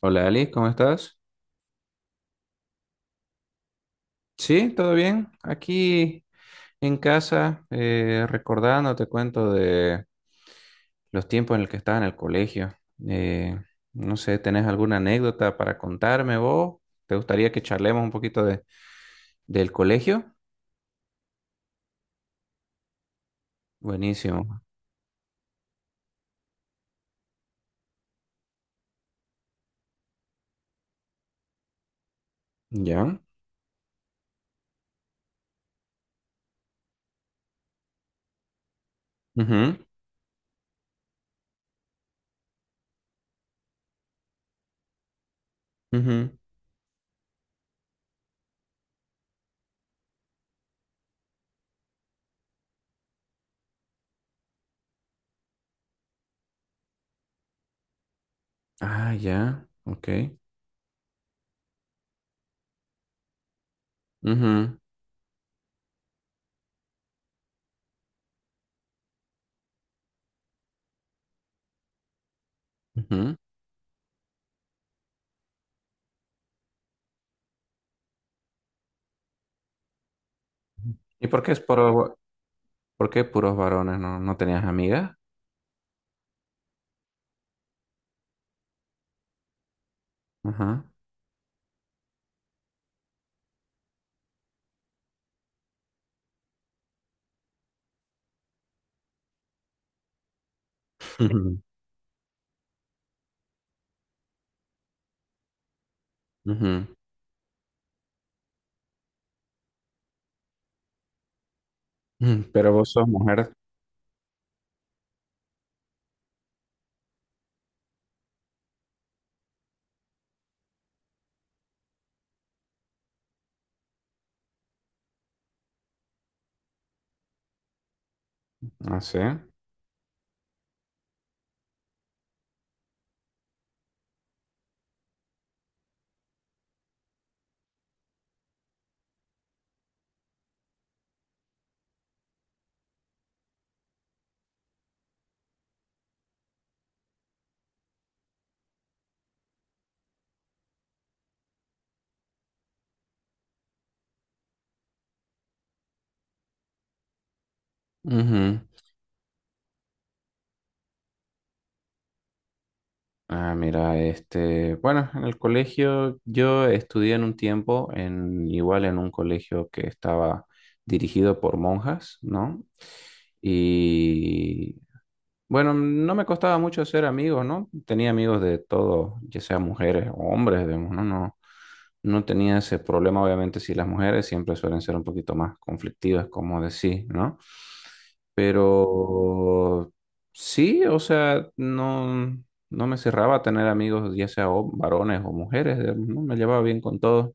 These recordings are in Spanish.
Hola Ali, ¿cómo estás? Sí, todo bien. Aquí en casa, recordando, te cuento de los tiempos en los que estaba en el colegio. Eh, no sé, ¿tenés alguna anécdota para contarme vos? ¿Te gustaría que charlemos un poquito del colegio? Buenísimo. Ya. Ujú, ujú. Ah, ya. Ok. Ujú, ujú. ¿Y por qué es puro, por qué puros varones? ¿No, no tenías amigas? Ajá. Ujú, ujú. Pero vos sos mujer. Ah, sí. Ujú. Ah, mira, este, bueno, en el colegio yo estudié en un tiempo en igual en un colegio que estaba dirigido por monjas, ¿no? Y bueno, no me costaba mucho ser amigos, ¿no? Tenía amigos de todo, ya sea mujeres o hombres, digamos, ¿no? No, no tenía ese problema, obviamente, si las mujeres siempre suelen ser un poquito más conflictivas, como decís, ¿no? Pero sí, o sea, no, no me cerraba a tener amigos, ya sea varones o mujeres, digamos, ¿no? Me llevaba bien con todos.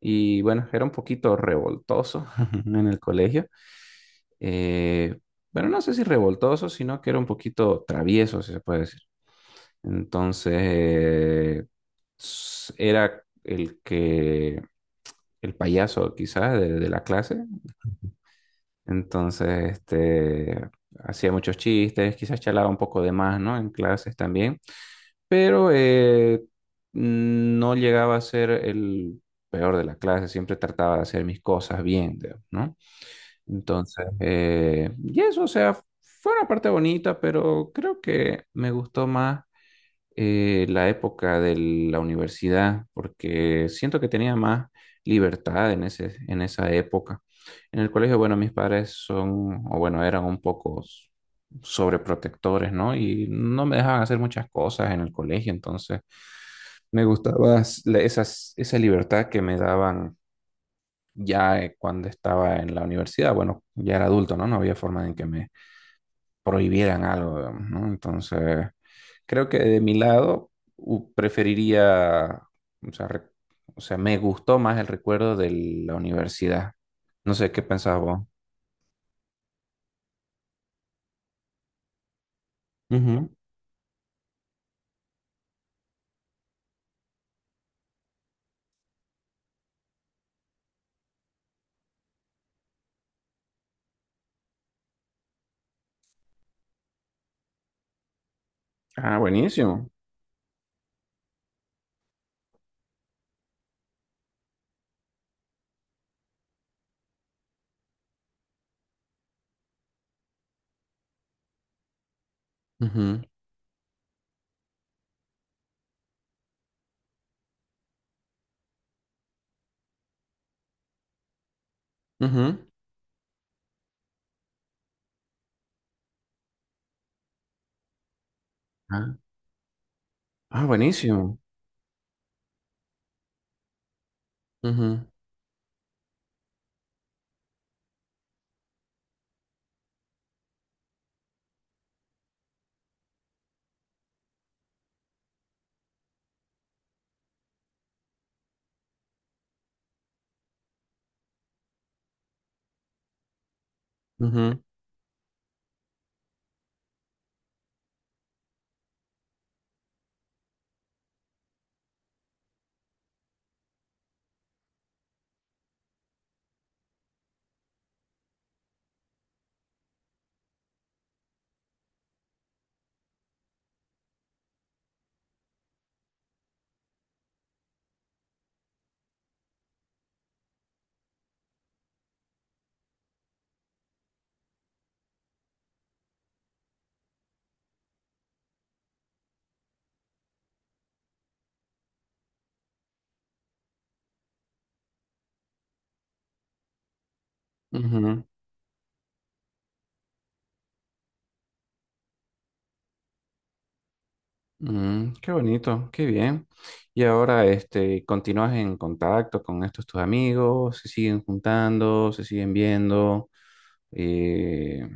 Y bueno, era un poquito revoltoso en el colegio. Eh, bueno, no sé si revoltoso, sino que era un poquito travieso, si se puede decir. Entonces, era el que, el payaso quizás de la clase. Entonces, este, hacía muchos chistes, quizás charlaba un poco de más, ¿no? En clases también, pero no llegaba a ser el peor de la clase, siempre trataba de hacer mis cosas bien, digamos, ¿no? Entonces, y eso, o sea, fue una parte bonita, pero creo que me gustó más la época de la universidad, porque siento que tenía más libertad en esa época. En el colegio, bueno, mis padres son, o bueno, eran un poco sobreprotectores, ¿no? Y no me dejaban hacer muchas cosas en el colegio, entonces me gustaba esa libertad que me daban ya cuando estaba en la universidad. Bueno, ya era adulto, ¿no? No había forma en que me prohibieran algo, digamos, ¿no? Entonces, creo que de mi lado preferiría, o sea, me gustó más el recuerdo de la universidad. No sé qué pensás vos. Ujú. Ah, buenísimo. Ujú, ujú. Ah, ah, buenísimo. Ujú, ujú, ujú. Mm, qué bonito, qué bien. Y ahora, este, ¿continúas en contacto con estos tus amigos? ¿Se siguen juntando? ¿Se siguen viendo? Eh,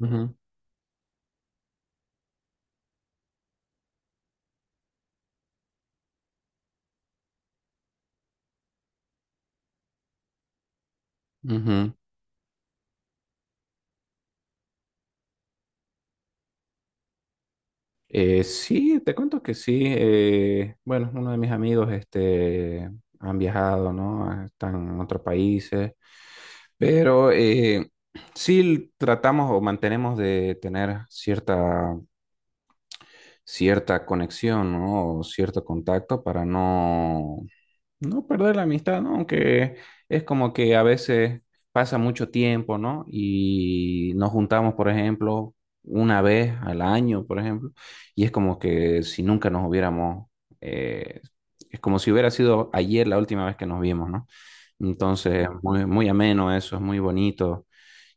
ujú. Ujú. Sí, te cuento que sí. Bueno, uno de mis amigos este, han viajado, ¿no? Ah, están en otros países, pero sí tratamos o mantenemos de tener cierta conexión, ¿no? O cierto contacto para no perder la amistad, ¿no? Aunque es como que a veces pasa mucho tiempo, ¿no? Y nos juntamos, por ejemplo, una vez al año, por ejemplo, y es como que si nunca nos hubiéramos, eh, es como si hubiera sido ayer la última vez que nos vimos, ¿no? Entonces, claro, muy, muy ameno eso, es muy bonito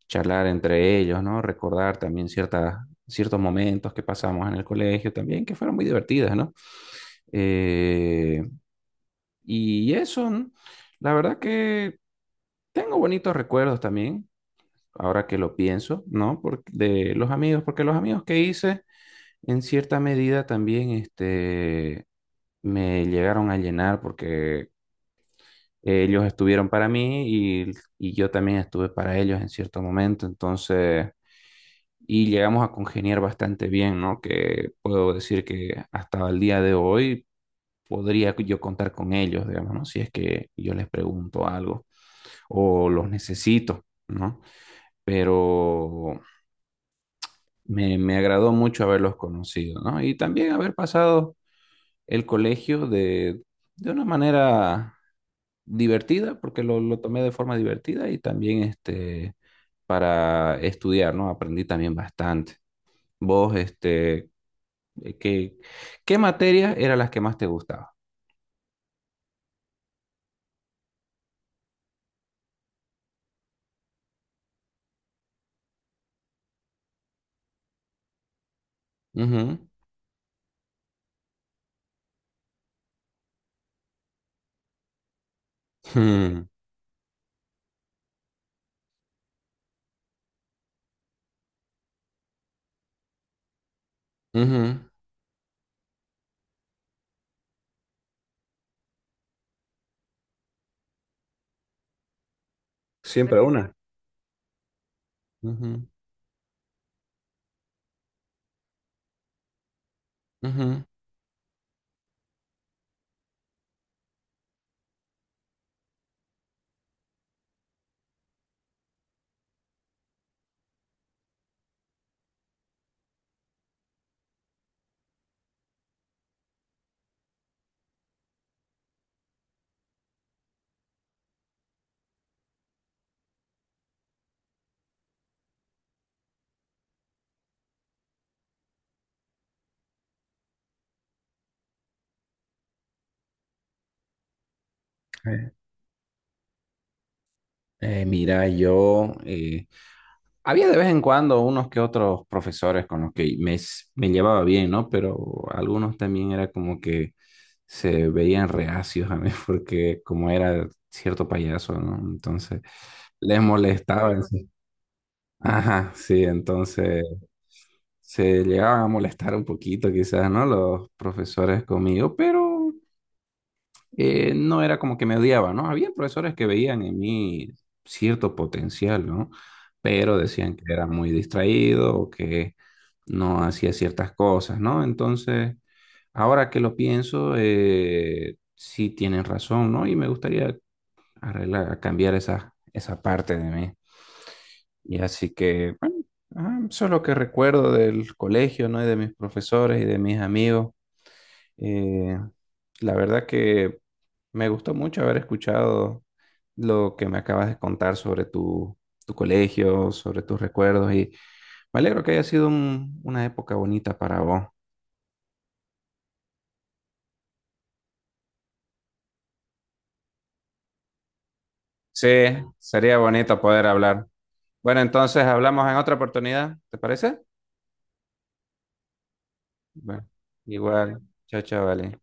charlar entre ellos, ¿no? Recordar también ciertos momentos que pasamos en el colegio también, que fueron muy divertidas, ¿no? Eh, y eso, ¿no? La verdad que tengo bonitos recuerdos también, ahora que lo pienso, ¿no? De los amigos, porque los amigos que hice, en cierta medida también, este, me llegaron a llenar porque ellos estuvieron para mí y, y yo también estuve para ellos en cierto momento, entonces, y llegamos a congeniar bastante bien, ¿no? Que puedo decir que hasta el día de hoy podría yo contar con ellos, digamos, ¿no? Si es que yo les pregunto algo, o los necesito, ¿no? Pero me agradó mucho haberlos conocido, ¿no? Y también haber pasado el colegio de una manera divertida, porque lo tomé de forma divertida y también este, para estudiar, ¿no? Aprendí también bastante. ¿Vos, este, ¿Qué, qué materias eran las que más te gustaban? Ujú. Hmm. Ujú. Siempre una. Ujú. Ujú. Eh, mira, yo había de vez en cuando unos que otros profesores con los que me llevaba bien, ¿no? Pero algunos también era como que se veían reacios a mí porque como era cierto payaso, ¿no? Entonces les molestaba en sí. Ajá, sí, entonces se llegaban a molestar un poquito quizás, ¿no? Los profesores conmigo, pero no era como que me odiaba, ¿no? Había profesores que veían en mí cierto potencial, ¿no? Pero decían que era muy distraído o que no hacía ciertas cosas, ¿no? Entonces, ahora que lo pienso, sí tienen razón, ¿no? Y me gustaría arreglar, cambiar esa, esa parte de mí. Y así que, bueno, ah, eso es lo que recuerdo del colegio, ¿no? Y de mis profesores y de mis amigos. Eh, la verdad que me gustó mucho haber escuchado lo que me acabas de contar sobre tu colegio, sobre tus recuerdos y me alegro que haya sido una época bonita para vos. Sí, sería bonito poder hablar. Bueno, entonces hablamos en otra oportunidad, ¿te parece? Bueno, igual. Chao, chao, vale.